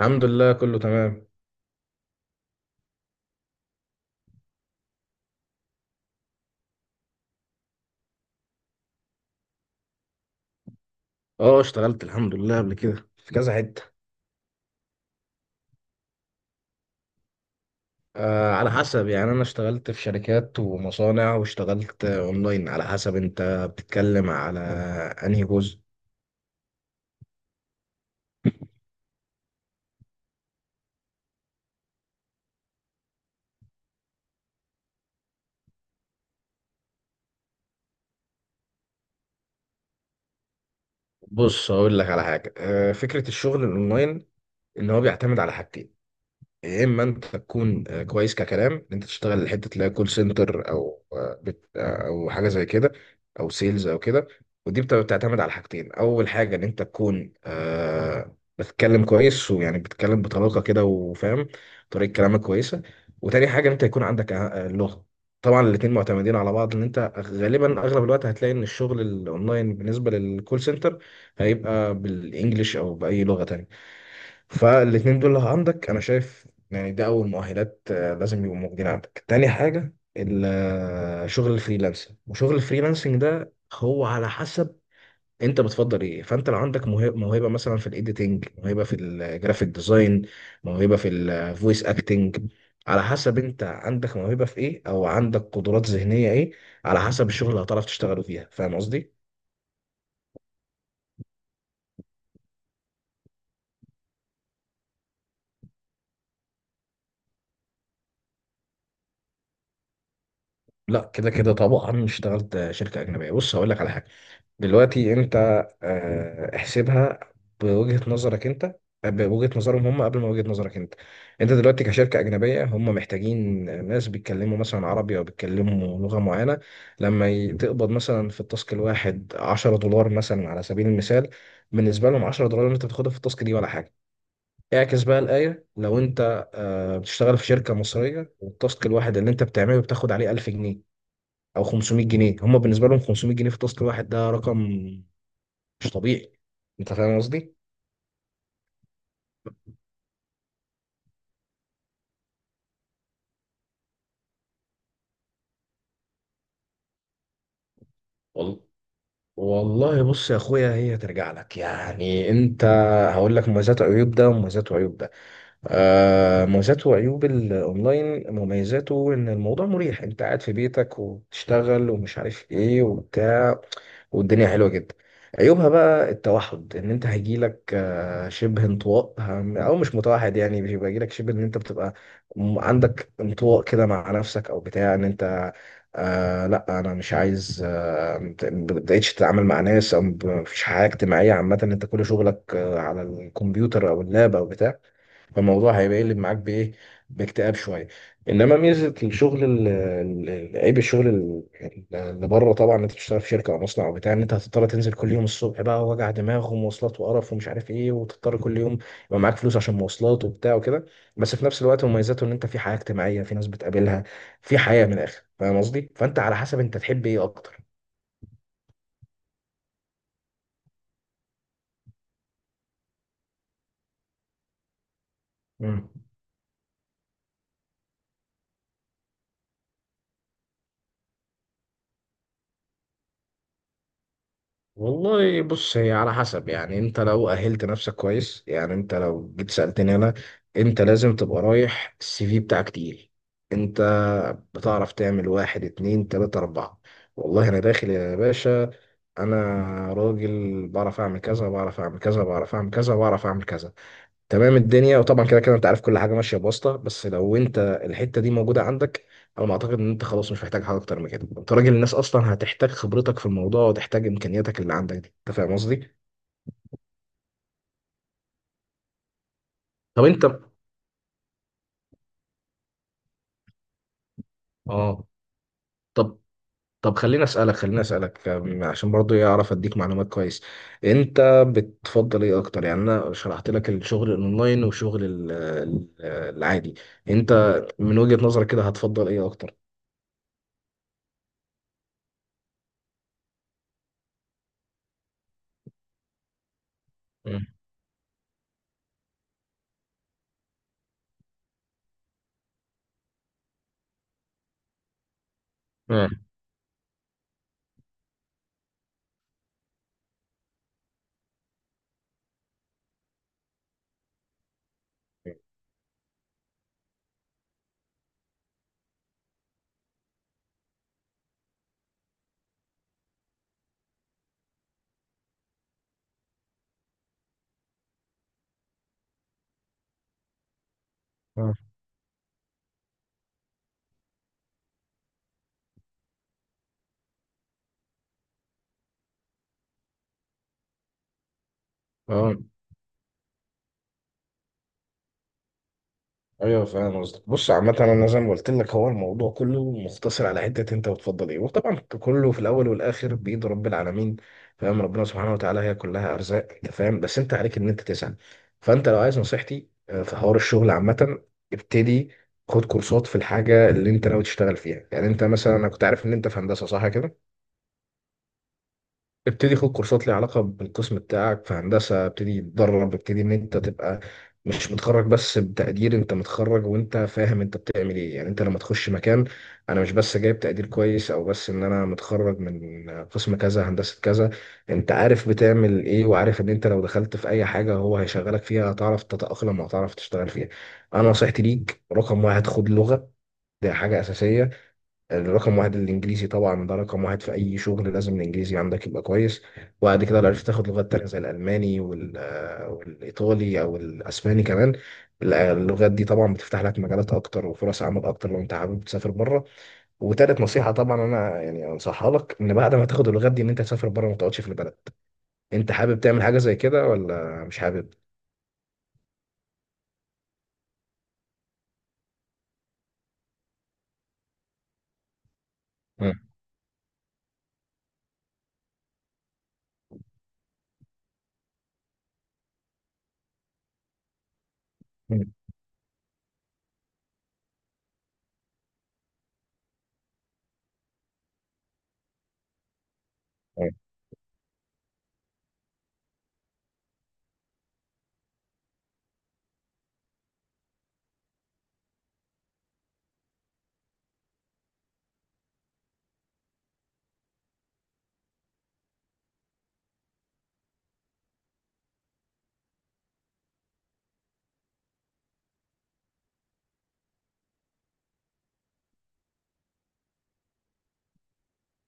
الحمد لله كله تمام. اه، اشتغلت الحمد لله قبل كده في كذا حتة. على حسب، يعني انا اشتغلت في شركات ومصانع، واشتغلت اونلاين، على حسب انت بتتكلم على انهي جزء. بص هقول لك على حاجة، فكرة الشغل الاونلاين ان هو بيعتمد على حاجتين. يا اما انت تكون كويس ككلام، ان انت تشتغل حته اللي هي كول سنتر، او آه، بت آه، او حاجه زي كده، او سيلز او كده. ودي بتعتمد على حاجتين: اول حاجه ان انت تكون بتتكلم كويس، ويعني بتتكلم بطلاقه كده وفاهم، طريقه كلامك كويسه. وتاني حاجه ان انت يكون عندك لغه. طبعا الاتنين معتمدين على بعض، ان انت غالبا اغلب الوقت هتلاقي ان الشغل الاونلاين بالنسبه للكول سنتر هيبقى بالانجلش او باي لغه تانية. فالاتنين دول لو عندك، انا شايف يعني ده أول مؤهلات لازم يبقوا موجودين عندك. تاني حاجة، شغل الفريلانسنج. وشغل الفريلانسنج ده هو على حسب انت بتفضل ايه. فانت لو عندك موهبة مثلا في الايديتنج، موهبة في الجرافيك ديزاين، موهبة في الفويس اكتنج، على حسب انت عندك موهبة في ايه، او عندك قدرات ذهنية ايه، على حسب الشغل اللي هتعرف تشتغله فيها. فاهم قصدي؟ لا، كده كده طبعا اشتغلت شركة أجنبية. بص هقول لك على حاجة. دلوقتي انت احسبها بوجهة نظرك انت، بوجهة نظرهم هم قبل ما وجهة نظرك انت. انت دلوقتي كشركة أجنبية، هم محتاجين ناس بيتكلموا مثلا عربي أو بيتكلموا لغة معينة. لما تقبض مثلا في التاسك الواحد 10 دولار مثلا على سبيل المثال، بالنسبة لهم 10 دولار اللي انت بتاخدها في التاسك دي ولا حاجة. اعكس بقى الآية، لو انت بتشتغل في شركة مصرية، والتاسك الواحد اللي انت بتعمله بتاخد عليه 1000 جنيه او 500 جنيه، هم بالنسبه لهم 500 جنيه في التاسك الواحد ده رقم مش طبيعي. انت فاهم قصدي؟ وال- والله بص يا اخويا، هي ترجع لك يعني انت. هقول لك مميزات وعيوب ده، ومميزات وعيوب ده. مميزات وعيوب الاونلاين: مميزاته ان الموضوع مريح، انت قاعد في بيتك وبتشتغل ومش عارف ايه وبتاع، والدنيا حلوة جدا. عيوبها بقى التوحد، ان انت هيجيلك شبه انطواء، او مش متوحد يعني، بيبقى يجيلك شبه ان انت بتبقى عندك انطواء كده مع نفسك او بتاع، ان انت لا انا مش عايز، ما بتبقاش تتعامل مع ناس، او مفيش حياة اجتماعية عامة، انت كل شغلك على الكمبيوتر او اللاب او بتاع. فالموضوع هيبقى يقلب معاك بايه؟ باكتئاب شويه. انما ميزه الشغل ال- ال- ال- عيب الشغل اللي بره، طبعا إن انت بتشتغل في شركه او مصنع او بتاع، ان انت هتضطر تنزل كل يوم الصبح بقى، وجع دماغ ومواصلات وقرف ومش عارف ايه، وتضطر كل يوم يبقى معاك فلوس عشان مواصلات وبتاع وكده. بس في نفس الوقت مميزاته ان انت في حياه اجتماعيه، في ناس بتقابلها، في حياه من الاخر. فاهم قصدي؟ فانت على حسب انت تحب ايه اكتر. مم. والله بص، هي على حسب يعني انت. لو اهلت نفسك كويس يعني، انت لو جيت سألتني انا، انت لازم تبقى رايح السي في بتاعك تقيل. انت بتعرف تعمل واحد، اتنين، تلاتة، اربعة. والله انا داخل يا باشا، انا راجل بعرف اعمل كذا، بعرف اعمل كذا، بعرف اعمل كذا، بعرف اعمل كذا. تمام الدنيا. وطبعا كده كده انت عارف، كل حاجه ماشيه بواسطه، بس لو انت الحته دي موجوده عندك، انا ما اعتقد ان انت خلاص مش محتاج حاجه اكتر من كده، انت راجل الناس اصلا هتحتاج خبرتك في الموضوع، وتحتاج امكانياتك اللي عندك دي. انت فاهم قصدي؟ طب انت اه طب، خليني اسالك، عشان برضو اعرف اديك معلومات كويس. انت بتفضل ايه اكتر؟ يعني انا شرحت لك الشغل الاونلاين وشغل العادي. انت من وجهة نظرك كده هتفضل ايه اكتر؟ مم. مم. مم. اه، ايوه فاهم قصدك. بص عامة انا زي ما قلت لك، هو الموضوع كله مقتصر على حتة انت بتفضل ايه، وطبعا كله في الاول والاخر بيد رب العالمين. فاهم، ربنا سبحانه وتعالى هي كلها ارزاق. انت فاهم؟ بس انت عليك ان انت تسعى. فانت لو عايز نصيحتي في حوار الشغل عامة، ابتدي خد كورسات في الحاجة اللي انت ناوي تشتغل فيها. يعني انت مثلا، انا كنت عارف ان انت في هندسة، صح كده؟ ابتدي خد كورسات ليها علاقة بالقسم بتاعك في هندسة. ابتدي تدرب، ابتدي ان انت تبقى مش متخرج بس بتقدير، انت متخرج وانت فاهم انت بتعمل ايه. يعني انت لما تخش مكان، انا مش بس جايب تقدير كويس، او بس ان انا متخرج من قسم كذا هندسة كذا، انت عارف بتعمل ايه، وعارف ان انت لو دخلت في اي حاجة هو هيشغلك فيها، هتعرف تتأقلم وهتعرف تشتغل فيها. انا نصيحتي ليك رقم واحد، خد لغة. دي حاجة أساسية. الرقم واحد الانجليزي طبعا، ده رقم واحد في اي شغل، لازم الانجليزي عندك يبقى كويس. وبعد كده لو عرفت تاخد لغات تانية زي الالماني، والايطالي او الاسباني كمان. اللغات دي طبعا بتفتح لك مجالات اكتر وفرص عمل اكتر، لو انت حابب تسافر بره. وتالت نصيحة طبعا انا يعني انصحها لك، ان بعد ما تاخد اللغات دي ان انت تسافر بره، ما تقعدش في البلد. انت حابب تعمل حاجة زي كده ولا مش حابب؟ مم. مم.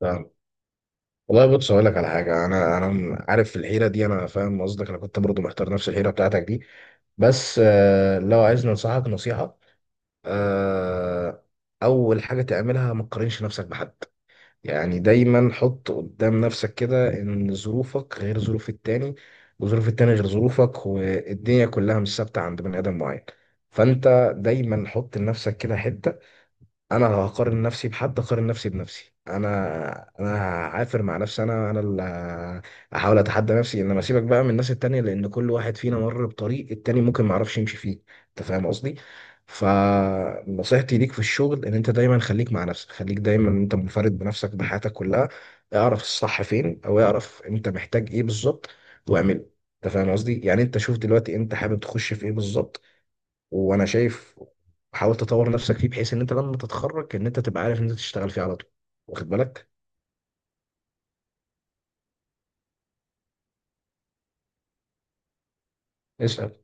تمام. والله بص اقول لك على حاجه، انا عارف في الحيره دي، انا فاهم قصدك، انا كنت برضو محتار نفس الحيره بتاعتك دي. بس لو عايزني انصحك نصيحة، آه، اول حاجة تعملها ما تقارنش نفسك بحد. يعني دايما حط قدام نفسك كده ان ظروفك غير ظروف التاني، وظروف التاني غير ظروفك، والدنيا كلها مش ثابتة عند بني ادم معين. فانت دايما حط لنفسك كده حتة، انا هقارن نفسي بحد، اقارن نفسي بنفسي انا هعافر مع نفسي، انا اللي هحاول اتحدى نفسي. انما سيبك بقى من الناس التانية، لان كل واحد فينا مر بطريق التاني ممكن معرفش يمشي فيه. انت فاهم قصدي؟ فنصيحتي ليك في الشغل ان انت دايما خليك مع نفسك، خليك دايما انت منفرد بنفسك بحياتك كلها. اعرف الصح فين، او اعرف انت محتاج ايه بالظبط، واعمله. انت فاهم قصدي؟ يعني انت شوف دلوقتي انت حابب تخش في ايه بالظبط، وانا شايف حاول تطور نفسك فيه، بحيث ان انت لما تتخرج ان انت تبقى عارف ان انت تشتغل فيه على طول. واخد بالك؟ اسال.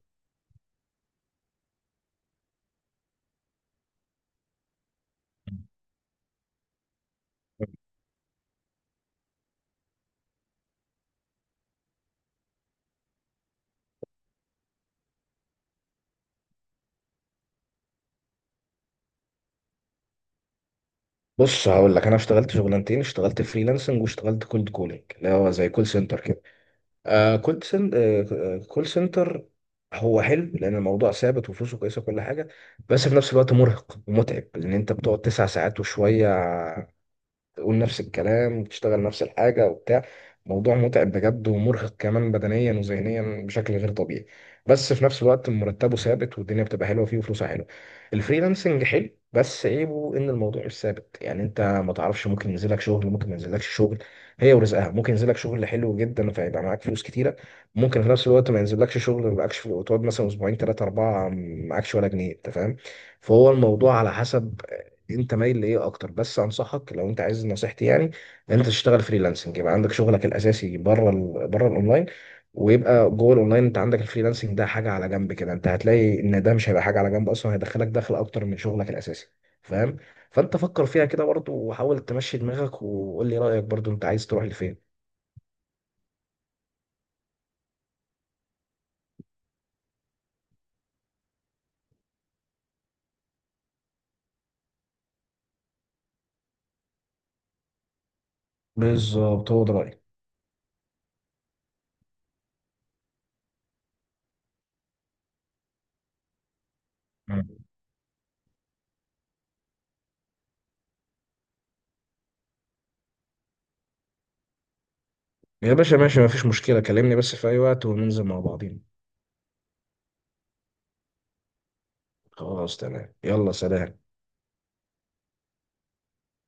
بص هقول لك، انا اشتغلت شغلانتين: اشتغلت فريلانسنج واشتغلت كولد كولينج اللي هو زي كول سنتر كده. آه كولد سن... آه كول سنتر هو حلو، لان الموضوع ثابت وفلوسه كويسه وكل حاجه. بس في نفس الوقت مرهق ومتعب، لان انت بتقعد 9 ساعات وشويه تقول نفس الكلام وتشتغل نفس الحاجة وبتاع. موضوع متعب بجد، ومرهق كمان بدنيا وذهنيا بشكل غير طبيعي. بس في نفس الوقت مرتبه ثابت، والدنيا بتبقى حلوة فيه وفلوسه حلوة. الفريلانسنج حلو، بس عيبه ان الموضوع مش ثابت، يعني انت ما تعرفش، ممكن ينزلك شغل ممكن ما ينزلكش شغل. هي ورزقها، ممكن ينزلك شغل حلو جدا فيبقى معاك فلوس كتيرة، ممكن في نفس الوقت ما ينزلكش شغل ما يبقاكش وتقعد مثلا اسبوعين ثلاثة أربعة معاكش ولا جنيه. انت فاهم؟ فهو الموضوع على حسب انت مايل لايه اكتر، بس انصحك لو انت عايز نصيحتي يعني، ان انت تشتغل فريلانسنج يبقى عندك شغلك الاساسي بره بره الاونلاين، ويبقى جوه الاونلاين انت عندك الفريلانسنج ده، حاجه على جنب كده. انت هتلاقي ان ده مش هيبقى حاجه على جنب اصلا، هيدخلك دخل اكتر من شغلك الاساسي. فاهم؟ فانت فكر فيها كده برضو، وحاول تمشي دماغك وقول لي رايك برضو، انت عايز تروح لفين. بالظبط، هو ده رايي. مم. يا باشا ماشي، مفيش مشكله، كلمني بس في اي وقت وننزل مع بعضين. خلاص تمام، يلا سلام.